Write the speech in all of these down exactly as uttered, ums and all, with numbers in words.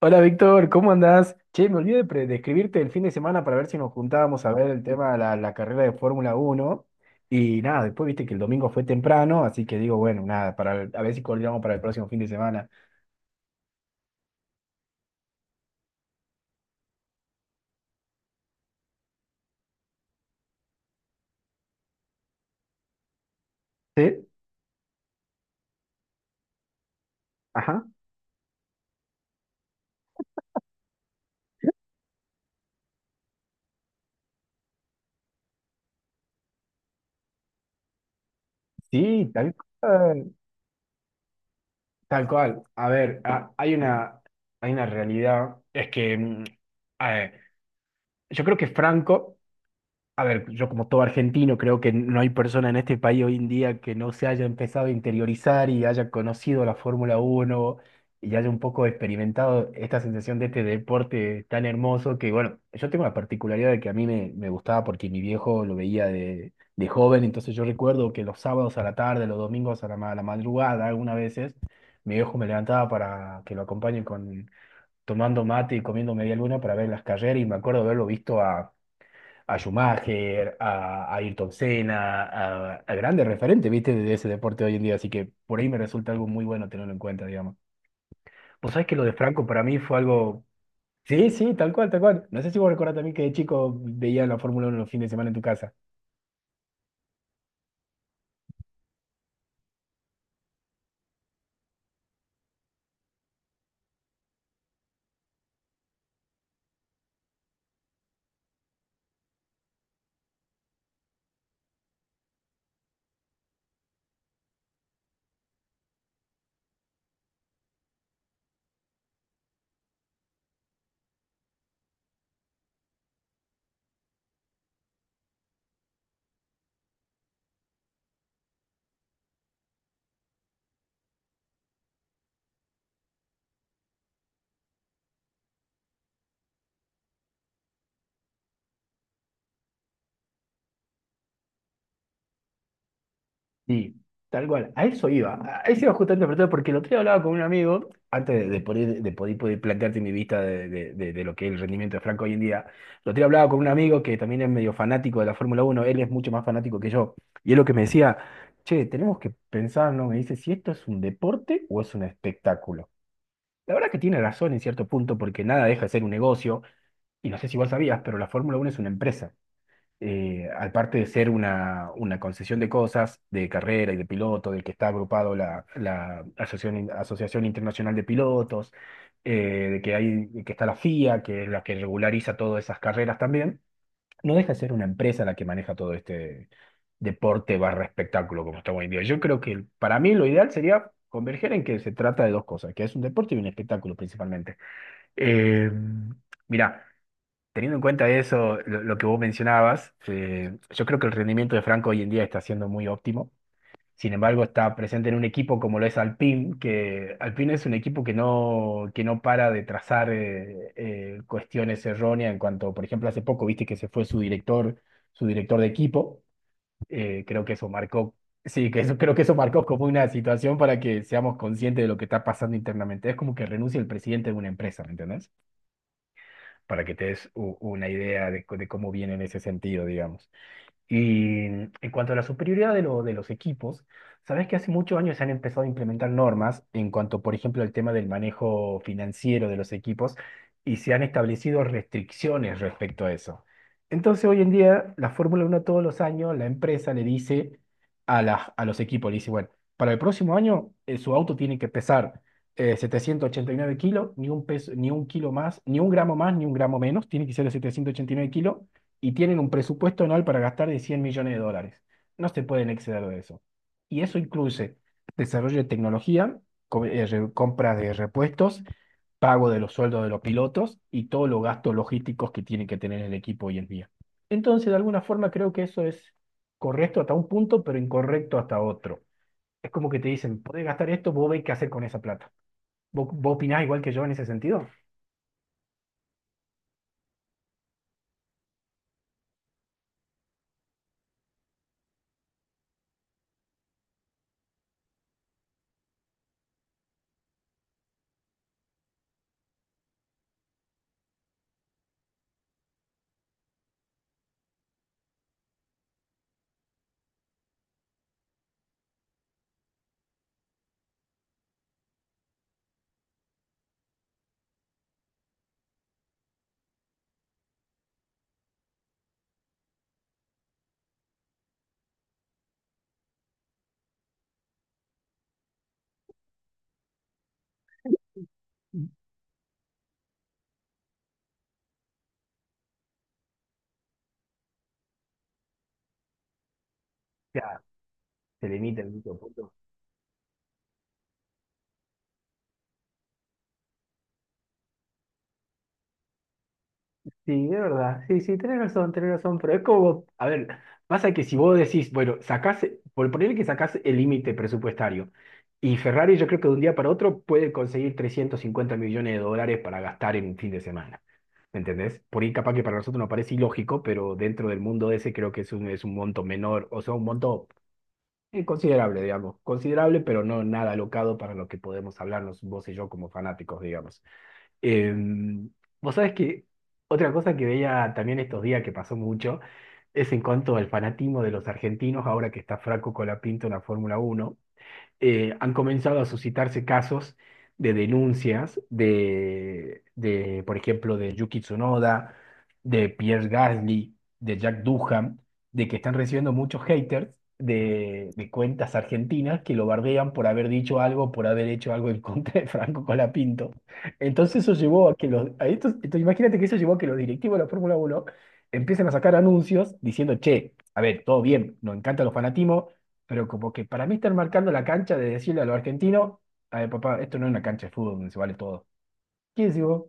Hola Víctor, ¿cómo andás? Che, me olvidé de, pre- de escribirte el fin de semana para ver si nos juntábamos a ver el tema de la, la carrera de Fórmula Uno. Y nada, después viste que el domingo fue temprano, así que digo, bueno, nada, para el- a ver si coordinamos para el próximo fin de semana. ¿Sí? Ajá. Sí, tal cual. Tal cual. A ver, a- hay una, hay una realidad. Es que mm, a ver, yo creo que Franco. A ver, yo como todo argentino creo que no hay persona en este país hoy en día que no se haya empezado a interiorizar y haya conocido la Fórmula Uno y haya un poco experimentado esta sensación de este deporte tan hermoso que, bueno, yo tengo la particularidad de que a mí me, me gustaba porque mi viejo lo veía de, de joven, entonces yo recuerdo que los sábados a la tarde, los domingos a la, ma- a la madrugada, algunas veces, mi viejo me levantaba para que lo acompañe con, tomando mate y comiendo media luna para ver las carreras y me acuerdo haberlo visto a a Schumacher, a, a Ayrton Senna, a, a grandes referentes, ¿viste? De ese deporte hoy en día. Así que por ahí me resulta algo muy bueno tenerlo en cuenta, digamos. Vos sabés que lo de Franco para mí fue algo... Sí, sí, tal cual, tal cual. No sé si vos recordás también que de chico veía la Fórmula Uno los fines de semana en tu casa. Sí, tal cual. A eso iba. A eso iba justamente a preguntar, porque el otro día hablaba con un amigo, antes de, de poder, de poder, poder plantearte mi vista de, de- de- de lo que es el rendimiento de Franco hoy en día. El otro día hablaba con un amigo que también es medio fanático de la Fórmula Uno. Él es mucho más fanático que yo. Y es lo que me decía, che, tenemos que pensar, ¿no? Me dice, si esto es un deporte o es un espectáculo. La verdad que tiene razón en cierto punto, porque nada deja de ser un negocio. Y no sé si vos sabías, pero la Fórmula Uno es una empresa, eh, aparte de ser una, una concesión de cosas, de carrera y de piloto, del que está agrupado la, la Asociación, Asociación Internacional de Pilotos, eh, de que hay, de que está la FIA, que es la que regulariza todas esas carreras también, no deja de ser una empresa la que maneja todo este deporte barra espectáculo como está hoy en día. Yo creo que para mí lo ideal sería converger en que se trata de dos cosas, que es un deporte y un espectáculo principalmente. Eh, Mirá, teniendo en cuenta eso, lo, lo que vos mencionabas, eh, yo creo que el rendimiento de Franco hoy en día está siendo muy óptimo. Sin embargo, está presente en un equipo como lo es Alpine, que Alpine es un equipo que no, que no para de trazar eh, eh, cuestiones erróneas en cuanto, por ejemplo, hace poco viste que se fue su director, su director de equipo. Eh, creo que eso marcó, sí, que eso, creo que eso marcó como una situación para que seamos conscientes de lo que está pasando internamente. Es como que renuncia el presidente de una empresa, ¿me entendés? Para que te des u- una idea de, co- de cómo viene en ese sentido, digamos. Y en cuanto a la superioridad de, lo- de los equipos, sabes que hace muchos años se han empezado a implementar normas en cuanto, por ejemplo, al tema del manejo financiero de los equipos y se han establecido restricciones respecto a eso. Entonces, hoy en día, la Fórmula Uno todos los años, la empresa le dice a, las a los equipos, le dice, bueno, para el próximo año eh, su auto tiene que pesar eh, setecientos ochenta y nueve kilos, ni un peso, ni un kilo más, ni un gramo más, ni un gramo menos, tiene que ser de setecientos ochenta y nueve kilos y tienen un presupuesto anual para gastar de cien millones de dólares. No se pueden exceder de eso. Y eso incluye desarrollo de tecnología, co- eh, re- compra de repuestos, pago de los sueldos de los pilotos y todos los gastos logísticos que tiene que tener el equipo hoy en día. Entonces, de alguna forma, creo que eso es correcto hasta un punto, pero incorrecto hasta otro. Es como que te dicen, podés gastar esto, vos veis qué hacer con esa plata. ¿Vos, vos opinás igual que yo en ese sentido? Ya, se limita el punto. Sí, de verdad. Sí, sí, tenés razón, tenés razón. Pero es como, a ver, pasa que si vos decís, bueno, sacás, por ponerle que sacás el límite presupuestario, y Ferrari yo creo que de un día para otro puede conseguir trescientos cincuenta millones de dólares para gastar en un fin de semana. ¿Me entendés? Por ahí capaz que para nosotros nos parece ilógico, pero dentro del mundo ese creo que es un, es un, monto menor, o sea, un monto eh, considerable, digamos. Considerable, pero no nada alocado para lo que podemos hablarnos vos y yo como fanáticos, digamos. Em, Vos sabés que otra cosa que veía también estos días que pasó mucho es en cuanto al fanatismo de los argentinos ahora que está Franco Colapinto en la Fórmula Uno. Eh, han comenzado a suscitarse casos de denuncias de, de, por ejemplo, de Yuki Tsunoda, de Pierre Gasly, de Jack Duham, de que están recibiendo muchos haters de, de cuentas argentinas que lo bardean por haber dicho algo, por haber hecho algo en contra de Franco Colapinto. Entonces eso llevó a que los... a estos- entonces imagínate que eso llevó a que los directivos de la Fórmula Uno empiecen a sacar anuncios diciendo, che, a ver, todo bien, nos encanta los fanatismos, pero como que para mí están marcando la cancha de decirle a los argentinos, a ver, papá, esto no es una cancha de fútbol donde se vale todo. ¿Qué decís vos?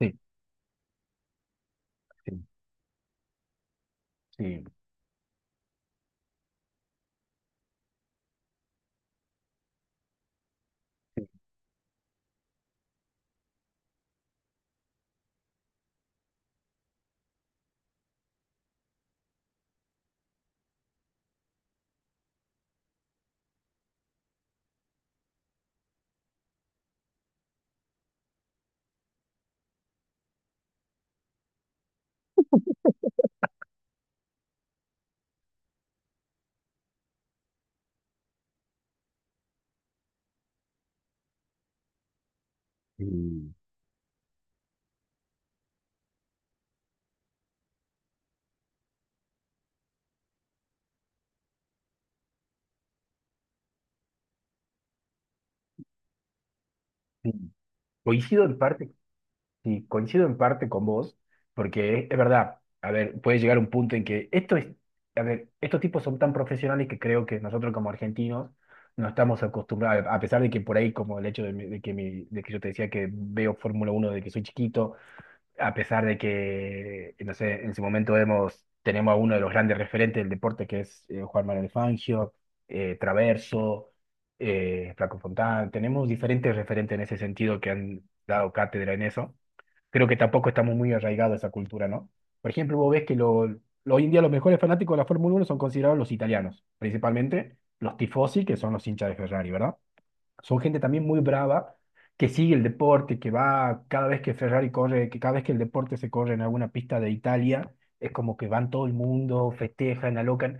Sí, sí, sí, sí, sí, sí. Coincido en parte, sí, coincido en parte con vos, porque es, es verdad, a ver, puede llegar un punto en que esto es, a ver, estos tipos son tan profesionales que creo que nosotros como argentinos no estamos acostumbrados, a pesar de que por ahí, como el hecho de, mi- de que, mi, de que yo te decía que veo Fórmula Uno desde que soy chiquito, a pesar de que, eh, no sé, en su momento hemos, tenemos a uno de los grandes referentes del deporte, que es eh, Juan Manuel Fangio, eh, Traverso, eh, Flaco Fontán, tenemos diferentes referentes en ese sentido que han dado cátedra en eso. Creo que tampoco estamos muy arraigados a esa cultura, ¿no? Por ejemplo, vos ves que lo, lo- hoy en día los mejores fanáticos de la Fórmula Uno son considerados los italianos, principalmente los tifosi, que son los hinchas de Ferrari, ¿verdad? Son gente también muy brava, que sigue el deporte, que va cada vez que Ferrari corre, que cada vez que el deporte se corre en alguna pista de Italia, es como que van todo el mundo, festejan, alocan,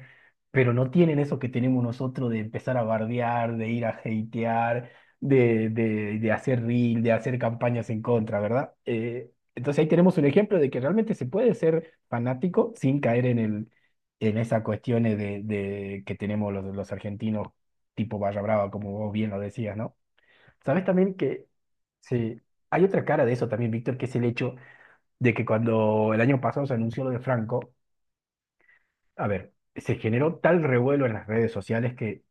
pero no tienen eso que tenemos nosotros de empezar a bardear, de ir a hatear, de, de, de hacer reel, de hacer campañas en contra, ¿verdad? Eh, entonces ahí tenemos un ejemplo de que realmente se puede ser fanático sin caer en el... en esas cuestiones de, de que tenemos los, los argentinos tipo barra brava, como vos bien lo decías, ¿no? Sabes también que sí, hay otra cara de eso también, Víctor, que es el hecho de que cuando el año pasado se anunció lo de Franco, a ver, se generó tal revuelo en las redes sociales que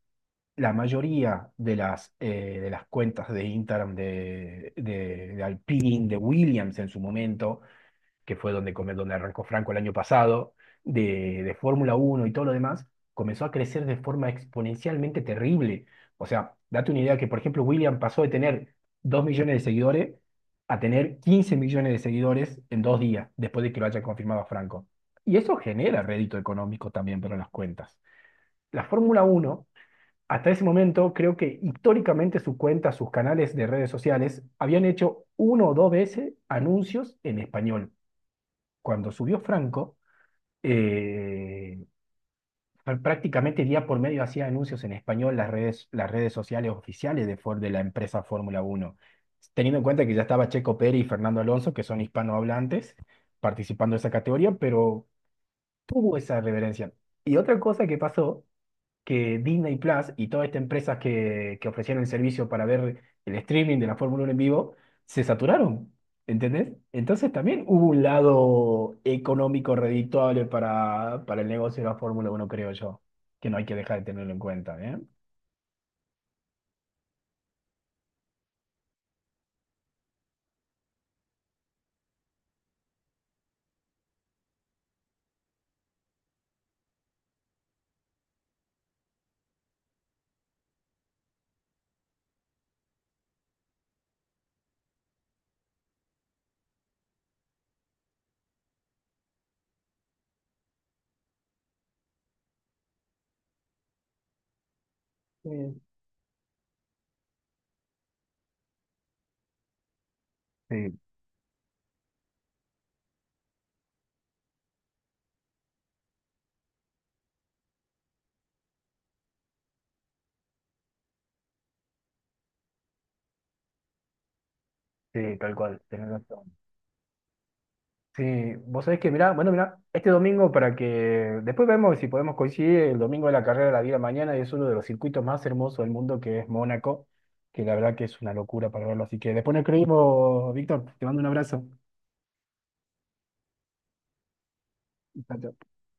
la mayoría de las, eh, de las cuentas de Instagram de, de, de Alpine, de Williams en su momento, que fue donde, come- donde arrancó Franco el año pasado, de, de Fórmula Uno y todo lo demás, comenzó a crecer de forma exponencialmente terrible. O sea, date una idea que, por ejemplo, William pasó de tener dos millones de seguidores a tener quince millones de seguidores en dos días, después de que lo haya confirmado a Franco. Y eso genera rédito económico también para las cuentas. La Fórmula Uno hasta ese momento, creo que históricamente su cuenta, sus canales de redes sociales, habían hecho uno o dos veces anuncios en español cuando subió Franco, eh, prácticamente día por medio hacía anuncios en español las redes, las redes sociales oficiales de, Ford, de la empresa Fórmula Uno, teniendo en cuenta que ya estaba Checo Pérez y Fernando Alonso, que son hispanohablantes, participando de esa categoría, pero tuvo esa reverencia. Y otra cosa que pasó que Disney Plus y todas estas empresas que, que ofrecieron el servicio para ver el streaming de la Fórmula Uno en vivo se saturaron, ¿entendés? Entonces también hubo un lado económico redituable para, para el negocio de la Fórmula Uno creo yo, que no hay que dejar de tenerlo en cuenta, ¿eh? Sí. Sí, sí, tal cual, tenés razón. Sí, vos sabés que, mirá, bueno, mirá, este domingo para que después vemos si podemos coincidir el domingo de la carrera de la vida mañana y es uno de los circuitos más hermosos del mundo que es Mónaco, que la verdad que es una locura para verlo. Así que después nos escribimos, Víctor, te mando un abrazo. Chao, chao.